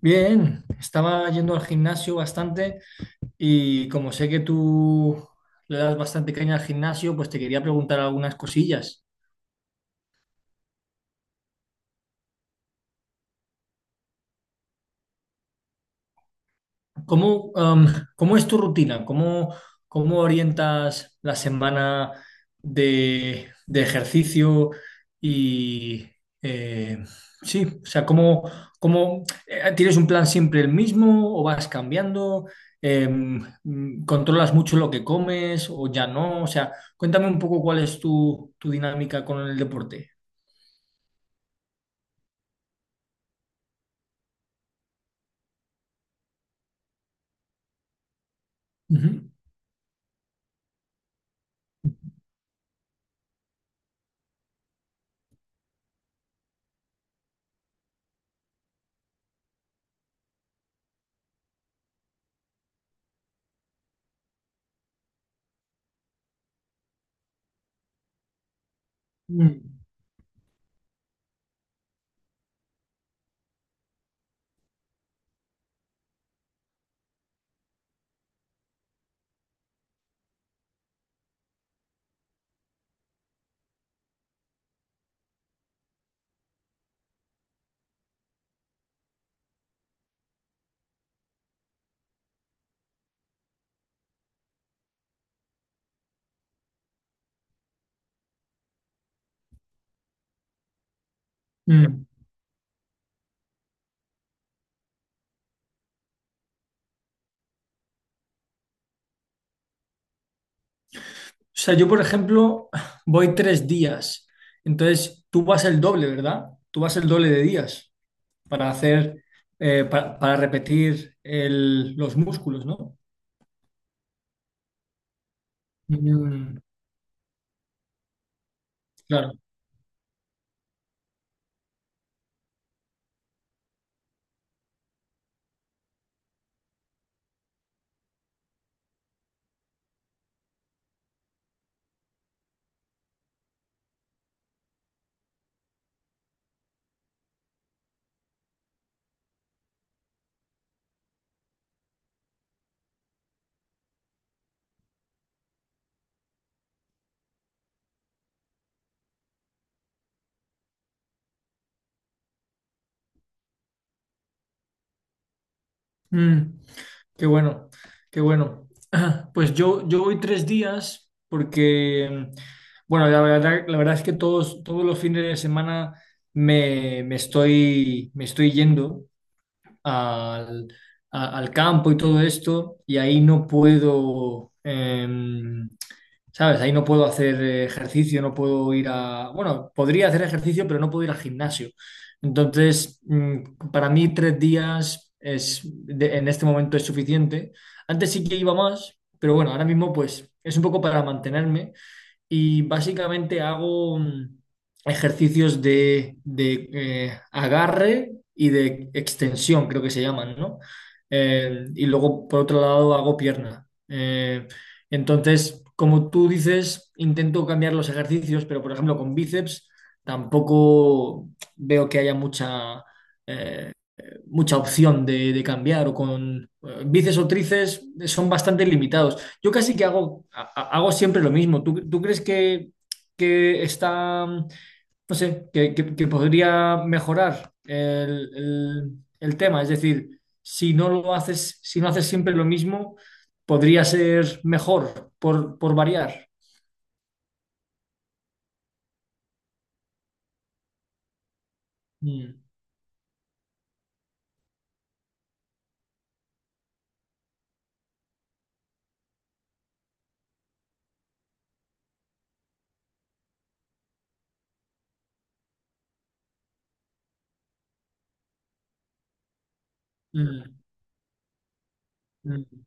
Bien, estaba yendo al gimnasio bastante y como sé que tú le das bastante caña al gimnasio, pues te quería preguntar algunas cosillas. ¿Cómo, am, cómo es tu rutina? ¿ cómo orientas la semana de ejercicio? Y eh, sí, o sea, ¿ tienes un plan siempre el mismo o vas cambiando? ¿Controlas mucho lo que comes o ya no? O sea, cuéntame un poco cuál es tu dinámica con el deporte. Ujú. Mm, mm. O sea, yo, por ejemplo, voy tres días. Entonces, tú vas el doble, ¿verdad? Tú vas el doble de días para hacer, para repetir los músculos, ¿no? Mm, claro. Mm, qué bueno, qué bueno. Pues yo voy tres días porque, bueno, la verdad es que todos los fines de semana me estoy yendo al, al campo y todo esto, y ahí no puedo, ¿sabes? Ahí no puedo hacer ejercicio, no puedo ir a... Bueno, podría hacer ejercicio, pero no puedo ir al gimnasio. Entonces, para mí tres días es, en este momento es suficiente. Antes sí que iba más, pero bueno, ahora mismo pues es un poco para mantenerme y básicamente hago ejercicios de agarre y de extensión, creo que se llaman, ¿no? Y luego, por otro lado, hago pierna. Entonces, como tú dices, intento cambiar los ejercicios, pero por ejemplo, con bíceps tampoco veo que haya mucha... eh, mucha opción de cambiar o con bíceps o tríceps son bastante limitados. Yo casi que hago, hago siempre lo mismo. ¿Tú, tú crees que está, no sé, que, que podría mejorar el, el tema? Es decir, si no lo haces, si no haces siempre lo mismo, podría ser mejor por variar. Mm, mm, mm,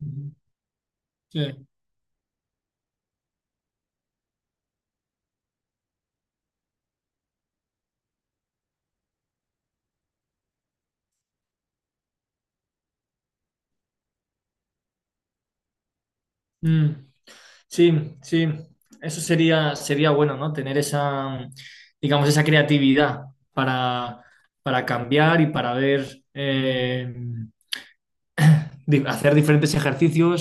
mm, mm, sí. Mm. Sí, sí, eso sería, sería bueno, ¿no? Tener esa, digamos, esa creatividad para, para cambiar y para ver. Hacer diferentes ejercicios,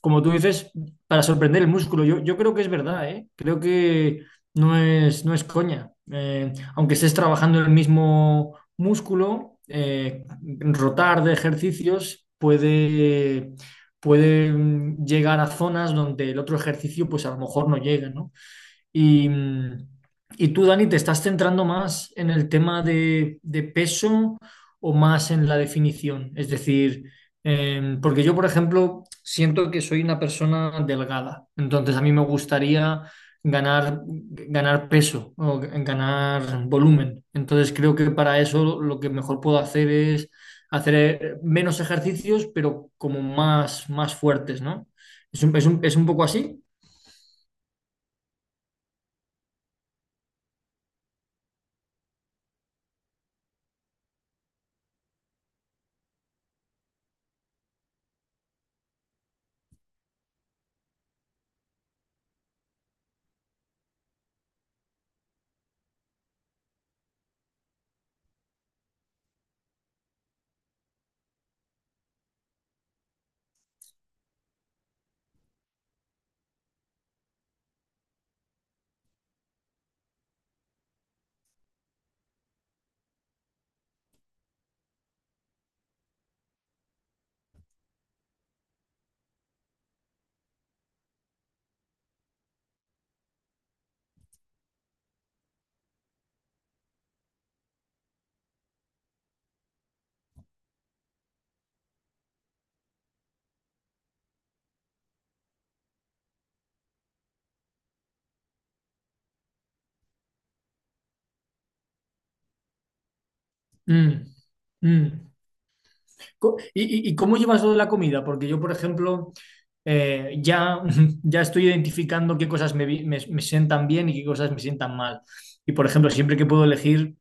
como tú dices, para sorprender el músculo. Yo creo que es verdad, ¿eh? Creo que no es, no es coña. Aunque estés trabajando el mismo músculo, rotar de ejercicios puede, puede llegar a zonas donde el otro ejercicio, pues a lo mejor no llega, ¿no? Y, mm, y tú, Dani, ¿te estás centrando más en el tema de peso o más en la definición? Es decir, porque yo, por ejemplo, siento que soy una persona delgada, entonces a mí me gustaría ganar, ganar peso o ganar volumen. Entonces creo que para eso lo que mejor puedo hacer es hacer menos ejercicios, pero como más, más fuertes, ¿no? Es un, es un poco así. Mm, mm. ¿Y, y cómo llevas lo de la comida? Porque yo, por ejemplo, ya, ya estoy identificando qué cosas me, me sientan bien y qué cosas me sientan mal. Y, por ejemplo, siempre que puedo elegir,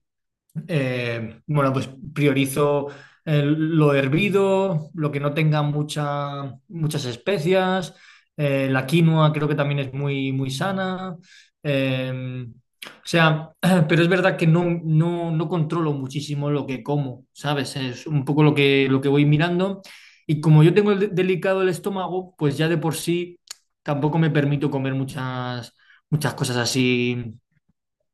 bueno, pues priorizo lo hervido, lo que no tenga muchas especias. La quinoa creo que también es muy, muy sana. eh, o sea, pero es verdad que no, no, no controlo muchísimo lo que como, ¿sabes? Es un poco lo que voy mirando. Y como yo tengo el delicado el estómago, pues ya de por sí tampoco me permito comer muchas, muchas cosas así,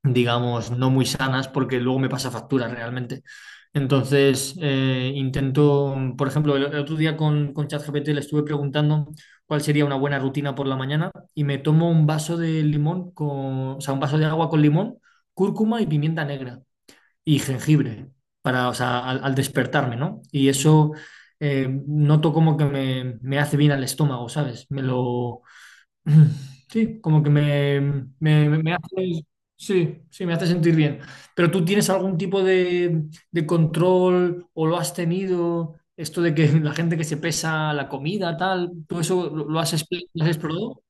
digamos, no muy sanas porque luego me pasa factura realmente. Entonces, intento, por ejemplo, el otro día con ChatGPT le estuve preguntando cuál sería una buena rutina por la mañana y me tomo un vaso de limón con, o sea, un vaso de agua con limón, cúrcuma y pimienta negra y jengibre para, o sea, al, al despertarme, ¿no? Y eso noto como que me hace bien al estómago, ¿sabes? Me lo, sí, como que me hace, sí, sí, me hace sentir bien. Pero tú tienes algún tipo de control o lo has tenido, esto de que la gente que se pesa la comida, tal, ¿tú eso lo has, lo has explorado?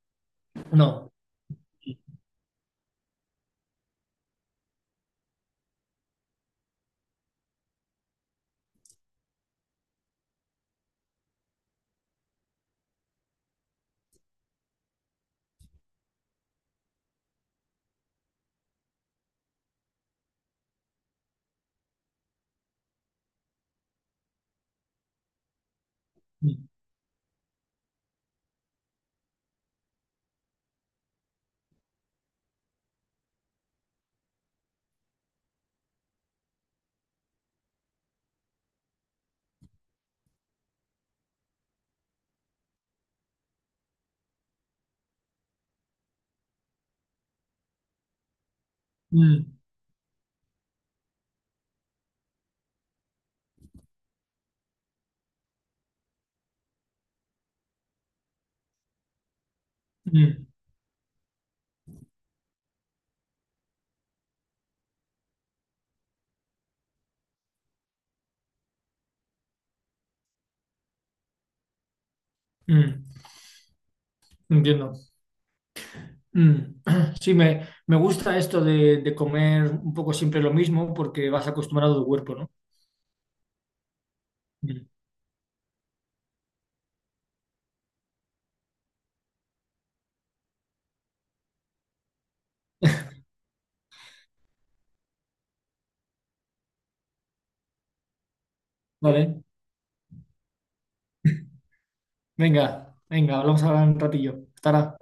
No. Mm, mm, mm, mm. Entiendo. Mm. Sí, me gusta esto de comer un poco siempre lo mismo porque vas acostumbrado al cuerpo, ¿no? Mm. Vale, venga, venga, hablamos ahora un ratillo. Tara.